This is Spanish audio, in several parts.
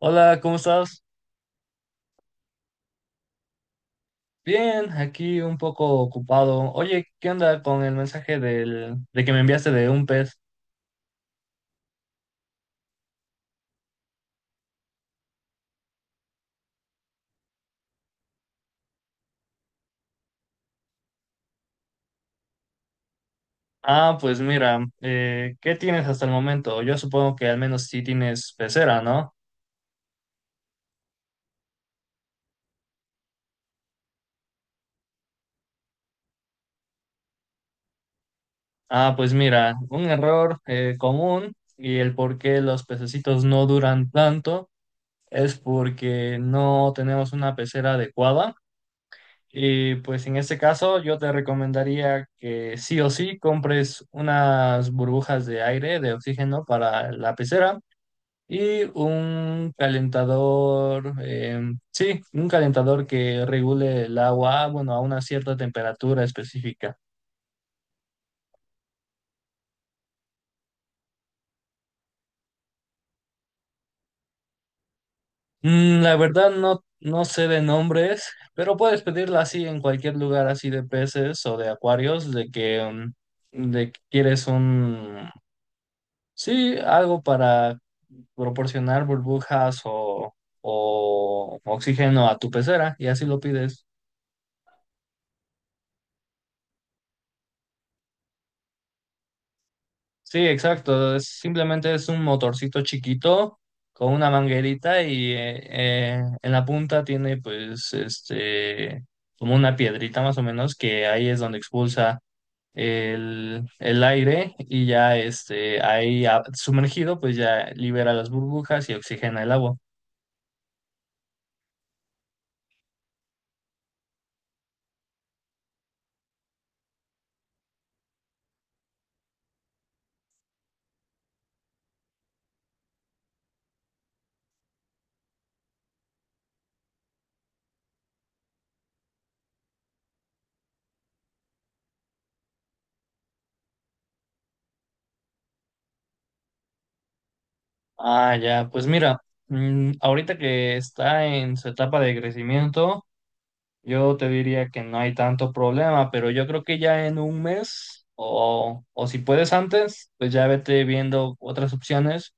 Hola, ¿cómo estás? Bien, aquí un poco ocupado. Oye, ¿qué onda con el mensaje de que me enviaste de un pez? Ah, pues mira, ¿qué tienes hasta el momento? Yo supongo que al menos sí tienes pecera, ¿no? Ah, pues mira, un error común y el por qué los pececitos no duran tanto es porque no tenemos una pecera adecuada. Y pues en este caso yo te recomendaría que sí o sí compres unas burbujas de aire, de oxígeno para la pecera y un calentador, sí, un calentador que regule el agua, bueno, a una cierta temperatura específica. La verdad no, no sé de nombres, pero puedes pedirla así en cualquier lugar así de peces o de acuarios, de que quieres un... Sí, algo para proporcionar burbujas o oxígeno a tu pecera y así lo pides. Sí, exacto. Simplemente es un motorcito chiquito con una manguerita y en la punta tiene pues este como una piedrita más o menos que ahí es donde expulsa el aire y ya este ahí sumergido pues ya libera las burbujas y oxigena el agua. Ah, ya, pues mira, ahorita que está en su etapa de crecimiento, yo te diría que no hay tanto problema, pero yo creo que ya en un mes o si puedes antes, pues ya vete viendo otras opciones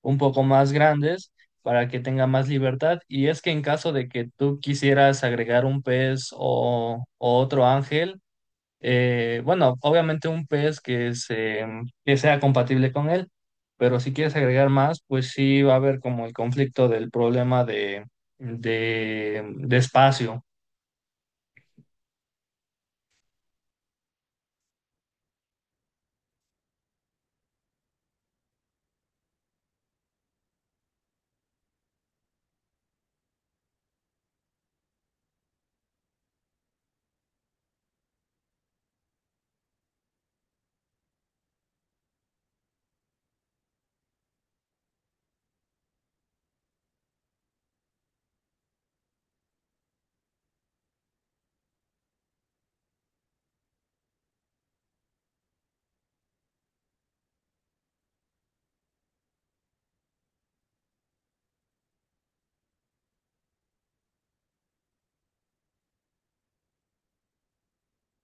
un poco más grandes para que tenga más libertad. Y es que en caso de que tú quisieras agregar un pez o otro ángel, bueno, obviamente un pez que sea compatible con él, pero si quieres agregar más, pues sí va a haber como el conflicto del problema de espacio.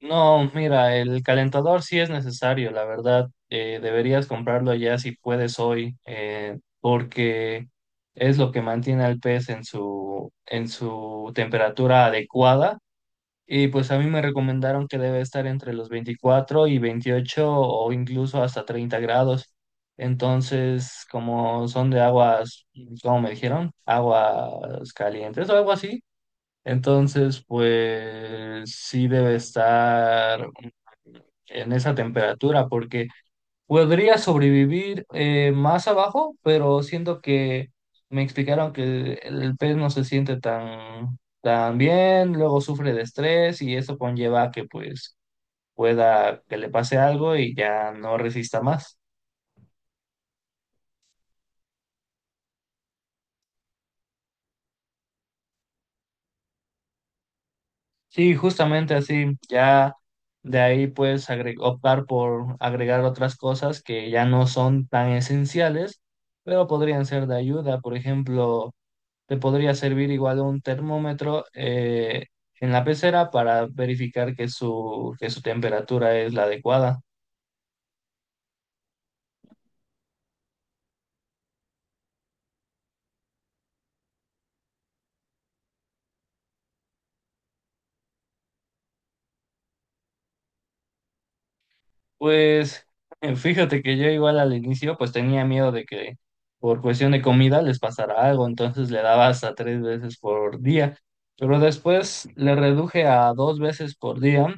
No, mira, el calentador sí es necesario, la verdad, deberías comprarlo ya si puedes hoy, porque es lo que mantiene al pez en su temperatura adecuada. Y pues a mí me recomendaron que debe estar entre los 24 y 28 o incluso hasta 30 grados. Entonces, como son de aguas, como me dijeron. Aguas calientes o algo así. Entonces, pues sí debe estar en esa temperatura porque podría sobrevivir más abajo, pero siento que me explicaron que el pez no se siente tan, tan bien, luego sufre de estrés y eso conlleva que pues pueda que le pase algo y ya no resista más. Sí, justamente así, ya de ahí puedes optar por agregar otras cosas que ya no son tan esenciales, pero podrían ser de ayuda, por ejemplo. Te podría servir igual un termómetro en la pecera para verificar que su temperatura es la adecuada. Pues fíjate que yo igual al inicio pues tenía miedo de que por cuestión de comida les pasara algo, entonces le daba hasta tres veces por día, pero después le reduje a dos veces por día.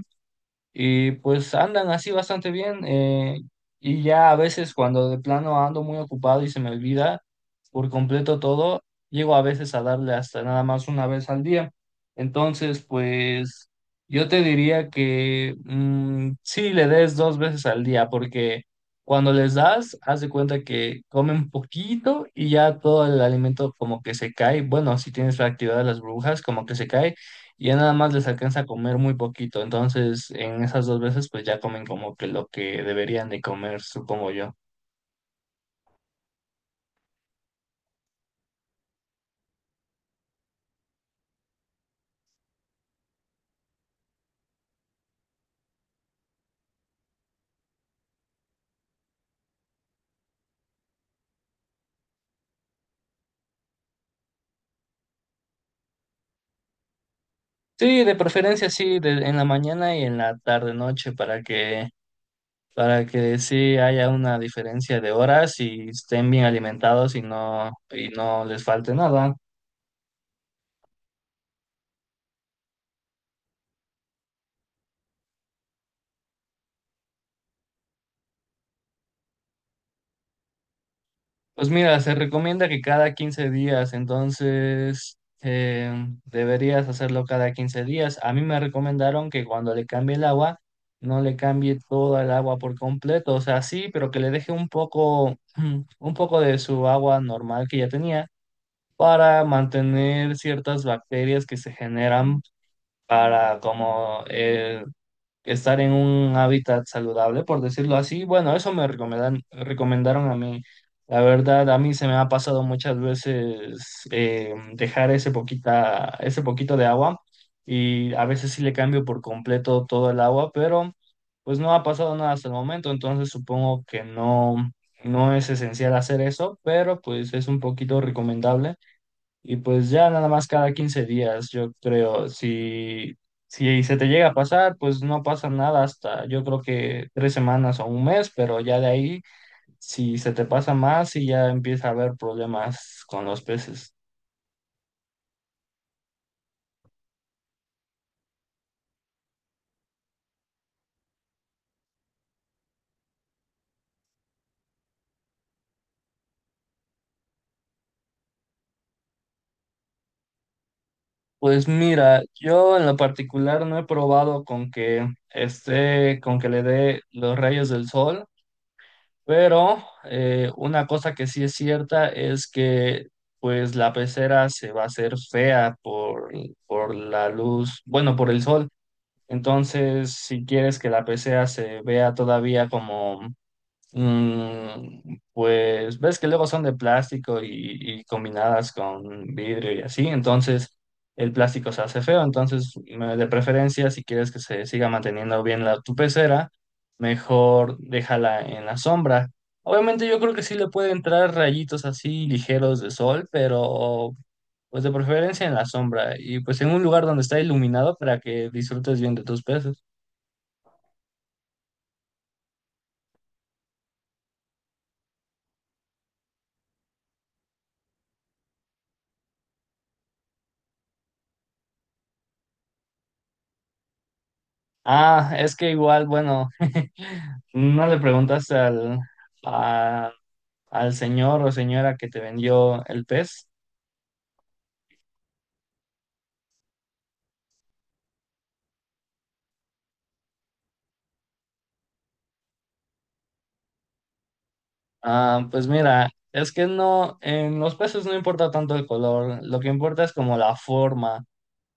Y pues andan así bastante bien. Y ya a veces cuando de plano ando muy ocupado y se me olvida por completo todo, llego a veces a darle hasta nada más una vez al día. Entonces, pues yo te diría que sí le des dos veces al día, porque cuando les das, haz de cuenta que comen poquito y ya todo el alimento como que se cae. Bueno, si tienes la actividad de las burbujas, como que se cae y ya nada más les alcanza a comer muy poquito. Entonces, en esas dos veces, pues ya comen como que lo que deberían de comer, supongo yo. Sí, de preferencia sí, en la mañana y en la tarde noche para que sí haya una diferencia de horas y estén bien alimentados y no les falte nada. Pues mira, se recomienda que cada 15 días, entonces deberías hacerlo cada 15 días. A mí me recomendaron que cuando le cambie el agua, no le cambie toda el agua por completo, o sea, sí, pero que le deje un poco, un poco de su agua normal que ya tenía para mantener ciertas bacterias que se generan para como estar en un hábitat saludable, por decirlo así. Bueno, eso me recomendaron a mí. La verdad, a mí se me ha pasado muchas veces dejar ese poquito de agua y a veces sí le cambio por completo todo el agua, pero pues no ha pasado nada hasta el momento, entonces supongo que no, no es esencial hacer eso, pero pues es un poquito recomendable. Y pues ya nada más cada 15 días, yo creo, si se te llega a pasar, pues no pasa nada hasta yo creo que 3 semanas o un mes, pero ya de ahí, si se te pasa más y ya empieza a haber problemas con los peces. Pues mira, yo en lo particular no he probado con que le dé los rayos del sol. Pero una cosa que sí es cierta es que pues la pecera se va a hacer fea por la luz, bueno, por el sol. Entonces, si quieres que la pecera se vea todavía como... pues ves que luego son de plástico y combinadas con vidrio y así, entonces el plástico se hace feo, entonces de preferencia si quieres que se siga manteniendo bien tu pecera, mejor déjala en la sombra. Obviamente yo creo que sí le puede entrar rayitos así ligeros de sol, pero pues de preferencia en la sombra y pues en un lugar donde está iluminado para que disfrutes bien de tus peces. Ah, es que igual, bueno, no le preguntaste a- al señor o señora que te vendió el pez. Ah, pues mira, es que no, en los peces no importa tanto el color, lo que importa es como la forma.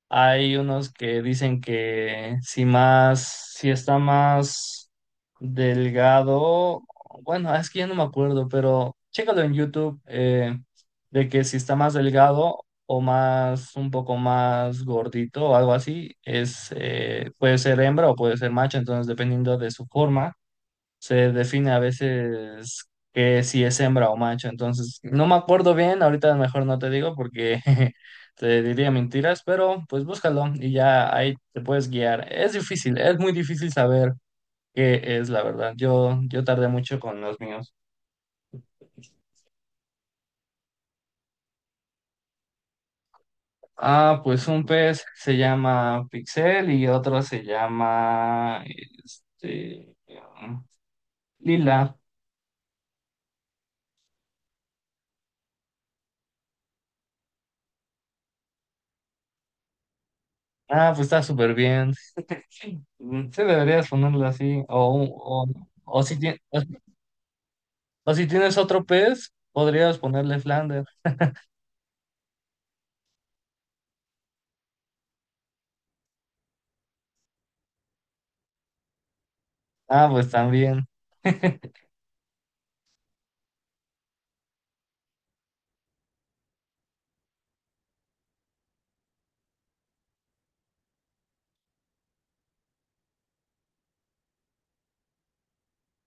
Hay unos que dicen que si está más delgado, bueno, es que ya no me acuerdo, pero chécalo en YouTube, de que si está más delgado o más, un poco más gordito o algo así, puede ser hembra o puede ser macho, entonces dependiendo de su forma se define a veces que si es hembra o macho. Entonces, no me acuerdo bien, ahorita mejor no te digo porque te diría mentiras, pero pues búscalo y ya ahí te puedes guiar. Es difícil, es muy difícil saber qué es la verdad. Yo tardé mucho con los míos. Ah, pues un pez se llama Pixel y otro se llama Lila. Ah, pues está súper bien. Sí, deberías ponerle así. O, si, tie- o, o si tienes otro pez, podrías ponerle Flander. Ah, pues también.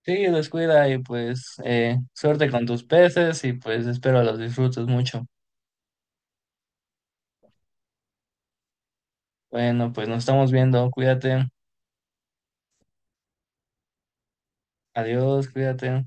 Sí, descuida y pues suerte con tus peces y pues espero los disfrutes mucho. Bueno, pues nos estamos viendo. Cuídate. Adiós, cuídate.